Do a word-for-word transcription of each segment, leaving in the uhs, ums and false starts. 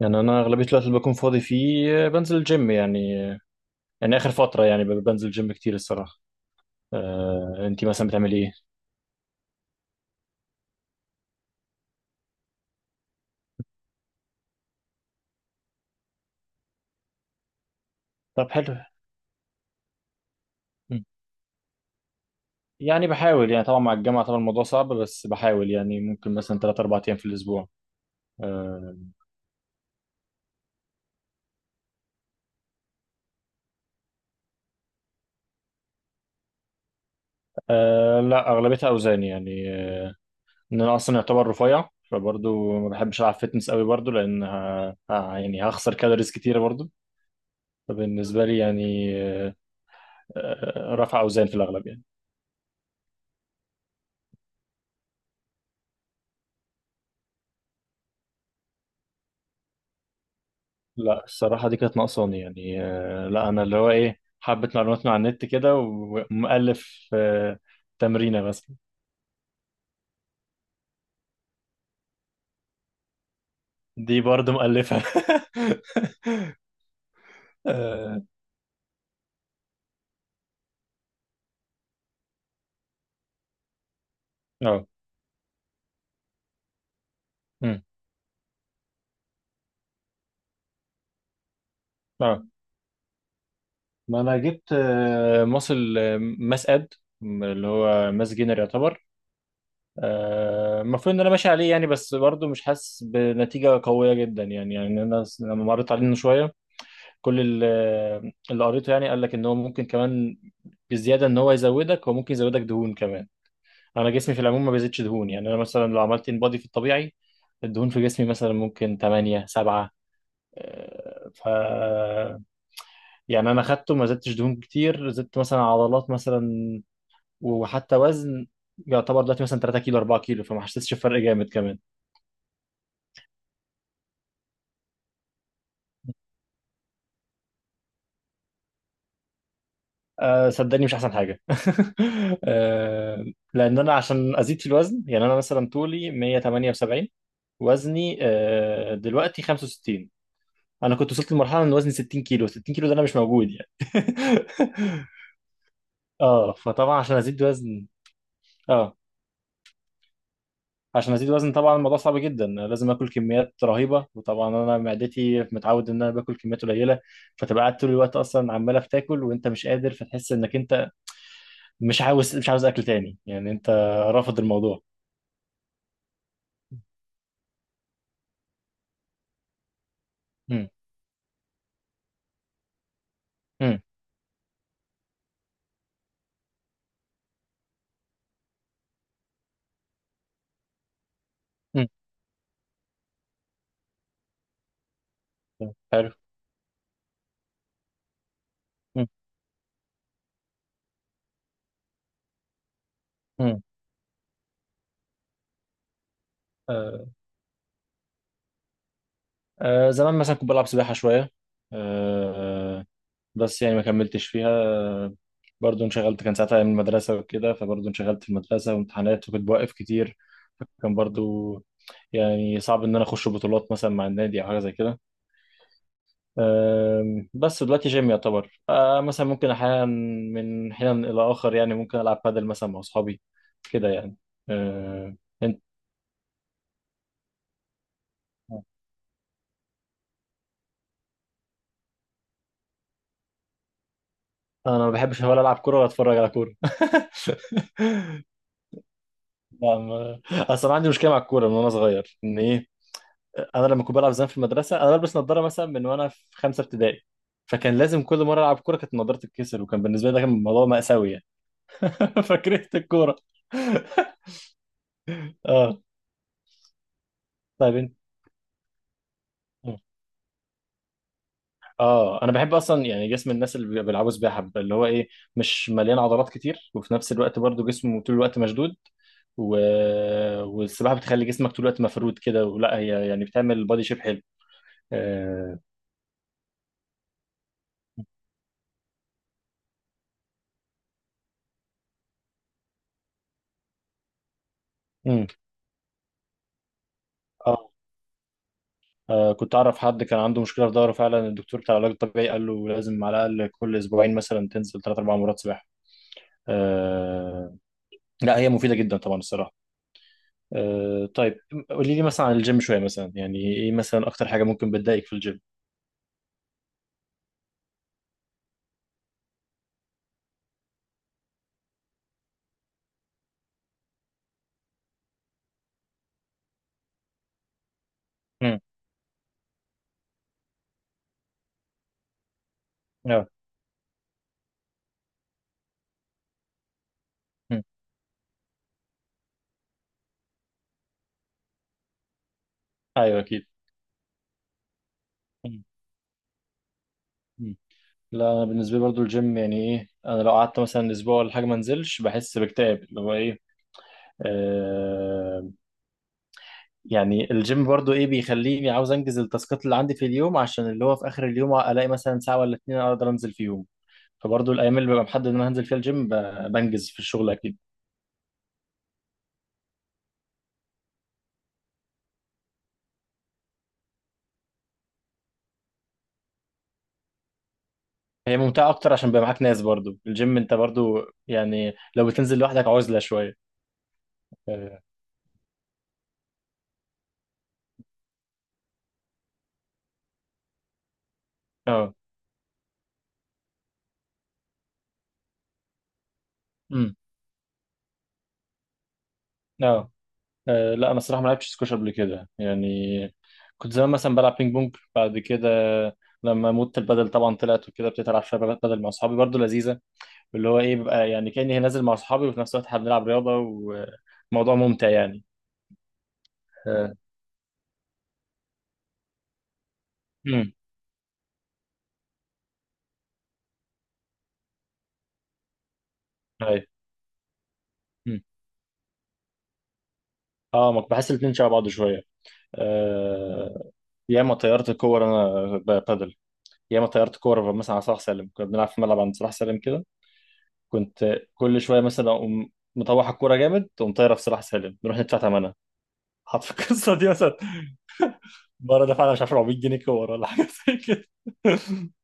يعني انا اغلبيه الوقت اللي بكون فاضي فيه، آه، بنزل الجيم يعني. آه، يعني اخر فتره يعني ب- بنزل جيم كتير الصراحه. آه، انتي مثلا بتعملي ايه؟ طب حلو. مم. يعني بحاول، يعني طبعا مع الجامعه، طبعا الموضوع صعب، بس بحاول يعني ممكن مثلا تلات اربعة ايام في الاسبوع. آه. آه، لا اغلبيتها اوزان يعني. آه ان انا اصلا يعتبر رفيع، فبرضه ما بحبش العب فيتنس قوي برضه لان ه- ه- يعني هخسر كالوريز كتيره برضه. فبالنسبه لي يعني. آه آه، رفع اوزان في الاغلب يعني. لا الصراحة دي كانت ناقصاني يعني. آه، لا أنا اللي هو إيه حبة معلومات من على النت كده ومؤلف آه، تمرينة مثلا. دي برضه مؤلفة اه. اه. مم. آه. ما أنا جبت آه، ماسل آه، ماس أد، اللي هو ماس جينر يعتبر. آه، المفروض إن أنا ماشي عليه يعني، بس برضه مش حاسس بنتيجة قوية جدا يعني. يعني أنا س- لما مريت عليه من شوية، كل ال- اللي قريته يعني قال لك ان هو ممكن كمان بزياده، ان هو يزودك، هو ممكن يزودك دهون كمان. انا جسمي في العموم ما بيزيدش دهون يعني. انا مثلا لو عملت ان بودي في الطبيعي، الدهون في جسمي مثلا ممكن تمانية سبعة. آه، ف يعني انا خدته، ما زدتش دهون كتير، زدت مثلا عضلات مثلا، وحتى وزن يعتبر دلوقتي مثلا تلاتة كيلو اربعة كيلو، فما حسيتش بفرق جامد كمان. أه صدقني مش احسن حاجه أه. لان انا عشان ازيد في الوزن يعني انا مثلا طولي مية وتمانية وسبعين، وزني أه دلوقتي خمسة وستين. انا كنت وصلت لمرحله ان وزني ستين كيلو. ستين كيلو ده انا مش موجود يعني اه، فطبعا عشان ازيد وزن. اه. عشان ازيد وزن طبعا الموضوع صعب جدا، لازم اكل كميات رهيبه، وطبعا انا معدتي متعود ان انا باكل كميات قليله، فتبقى قاعد طول الوقت اصلا عماله بتاكل وانت مش قادر، فتحس انك انت مش عاوز مش عاوز اكل تاني يعني، انت رافض الموضوع. مم. مم. مم. حلو. مم. مم. آه. آه. زمان مثلا كنت بلعب سباحة شوية. آه. بس يعني ما كملتش فيها. آه، برضو انشغلت، كان ساعتها من المدرسة وكده، فبرضو انشغلت في المدرسة وامتحانات وكنت بوقف كتير، فكان برضو يعني صعب ان انا اخش بطولات مثلا مع النادي او حاجة زي كده. أم، بس دلوقتي جيم يعتبر. أه، مثلا ممكن احيانا من حين الى اخر يعني، ممكن العب بادل مثلا مع اصحابي كده يعني. أه، انت. انا ما بحبش، ولا العب كوره ولا اتفرج على كوره لا، ما... اصل انا عندي مشكله مع الكوره من وانا صغير، ان ايه، انا لما كنت بلعب زمان في المدرسه انا بلبس نظاره مثلا من وانا في خمسه ابتدائي، فكان لازم كل مره العب كوره كانت نظارتي تتكسر، وكان بالنسبه لي ده كان موضوع مأساوي يعني. فكرهت الكوره. اه. طيب انت. اه انا بحب اصلا يعني جسم الناس اللي بيلعبوا سباحه بيبقى اللي هو ايه، مش مليان عضلات كتير وفي نفس الوقت برضو جسمه طول الوقت مشدود. و... والسباحه بتخلي جسمك طول الوقت مفرود كده، ولا هي يعني بتعمل بادي شيب حلو. آه... مم. آه. اه كنت اعرف حد كان عنده مشكله في ظهره فعلا، الدكتور بتاع العلاج الطبيعي قال له لازم على الاقل كل اسبوعين مثلا تنزل ثلاث اربع مرات سباحه. آه... لا هي مفيده جدا طبعا الصراحه. آه... طيب، قولي لي مثلا عن الجيم شويه، مثلا يعني ايه مثلا اكتر حاجه ممكن بتضايقك في الجيم؟ اه. مم. ايوه اكيد. مم. مم. لا انا بالنسبه لي برضو الجيم يعني ايه، انا لو قعدت مثلا اسبوع ولا حاجه ما انزلش بحس باكتئاب اللي هو ايه. آه. يعني الجيم برضو ايه بيخليني عاوز انجز التاسكات اللي عندي في اليوم، عشان اللي هو في اخر اليوم الاقي مثلا ساعه ولا اتنين اقدر انزل فيهم، فبرضو الايام اللي ببقى محدد ان انا هنزل فيها الجيم ب- بنجز في الشغل اكيد. هي ممتعه اكتر عشان بيبقى معاك ناس، برضو الجيم انت برضو يعني لو بتنزل لوحدك عزله شويه. اه. آه. مم. اه. آه، لا انا الصراحه ما لعبتش سكواش قبل كده يعني. كنت زمان مثلا بلعب بينج بونج، بعد كده لما موت البدل طبعا طلعت وكده، ابتديت العب شويه بدل مع اصحابي برضو لذيذه، اللي هو ايه بيبقى يعني كاني نازل مع اصحابي وفي نفس الوقت احنا بنلعب رياضه، وموضوع ممتع يعني. اه. امم ايوه. أمم. اه ما بحس الاثنين شبه بعض شويه. آه. ياما طيرت كور انا ب- بدل. ياما طيرت كور مثلا على صلاح سالم، كنا بنلعب في ملعب عند صلاح سالم كده، كنت كل شويه مثلا اقوم مطوح الكوره جامد، تقوم طايره في صلاح سالم، نروح ندفع ثمنها. حط في القصه دي، مثلا مره دفعنا مش عارف اربعمية جنيه كوره ولا حاجه زي كده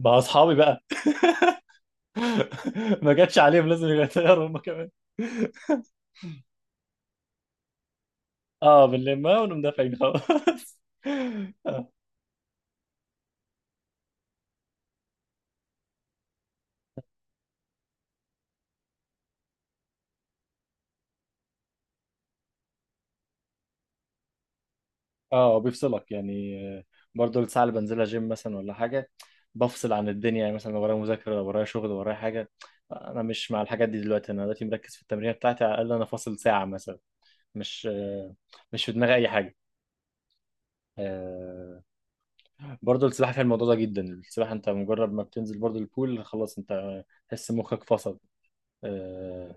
مع اصحابي بقى. ما جاتش عليهم لازم يغيروا هم كمان. اه بنلمها ونقوم دافعين خلاص. اه بيفصلك يعني. آه، برضه الساعه اللي بنزلها جيم مثلا ولا حاجه بفصل عن الدنيا يعني، مثلا لو ورايا مذاكره، لو ورايا شغل، لو ورايا حاجه، انا مش مع الحاجات دي دلوقتي، انا دلوقتي مركز في التمرين بتاعتي، على الاقل انا فاصل ساعه مثلا. مش آه، مش في دماغي اي حاجه. آه، برضو السباحه فيها الموضوع ده جدا، السباحه انت مجرد ما بتنزل برضو البول خلاص انت تحس مخك فصل. اه.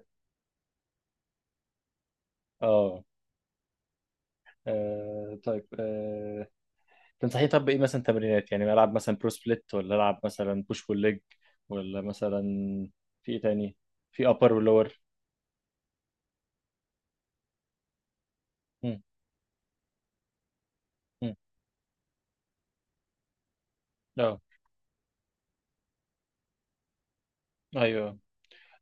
اه. آه، طيب. آه، تنصحني طب بايه مثلا تمرينات، يعني العب مثلا برو سبليت، ولا العب مثلا بوش بول ليج، ولا مثلا في ايه تاني؟ في ابر ولور. مم. مم. اه. ايوه.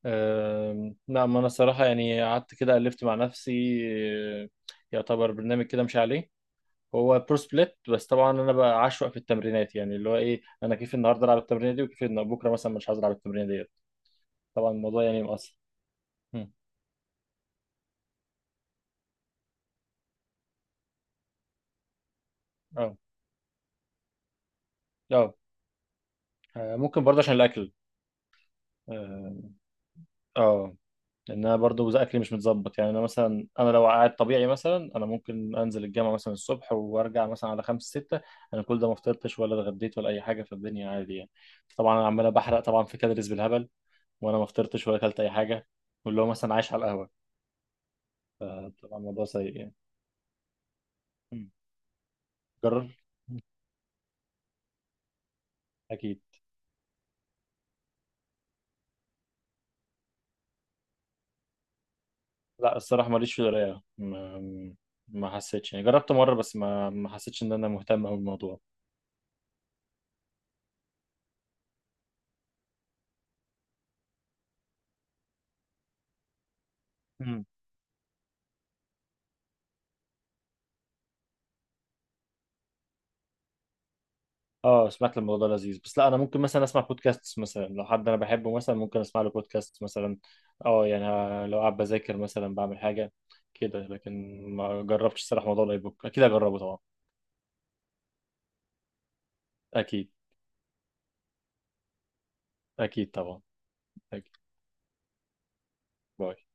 آم، نعم، انا الصراحه يعني قعدت كده الفت مع نفسي. آه، يعتبر برنامج كده مش عليه، هو برو سبليت، بس طبعا انا بقى عشوائي في التمرينات يعني، اللي هو ايه، انا كيف النهارده العب التمرينه دي، وكيف إن بكره مثلا مش عايز العب التمرينه ديت. طبعا الموضوع يعني مؤثر. مم. اه. اه. آه، ممكن برضه عشان الاكل. اه. آه. لان انا برضه اكلي مش متظبط يعني، انا مثلا انا لو قاعد طبيعي مثلا، انا ممكن انزل الجامعه مثلا الصبح وارجع مثلا على خمسة ستة، انا كل ده ما فطرتش ولا اتغديت ولا اي حاجه في الدنيا عادي يعني، طبعا انا عمال بحرق طبعا في كالوريز بالهبل وانا ما فطرتش ولا اكلت اي حاجه، واللي هو مثلا عايش على القهوه. طبعا الموضوع سيء يعني. جرب. اكيد. لا الصراحه ماليش في القرايه، ما ما حسيتش يعني، جربت مره بس ما ما حسيتش ان انا مهتم أوي بالموضوع. مم. اه سمعت الموضوع ده لذيذ، بس لا انا ممكن مثلا اسمع بودكاست مثلا، لو حد انا بحبه مثلا ممكن اسمع له بودكاست مثلا. اه يعني ه- لو قاعد بذاكر مثلا بعمل حاجه كده، لكن ما جربتش الصراحه موضوع الاي بوك، اكيد هجربه طبعا. اكيد. اكيد طبعا. اكيد. باي.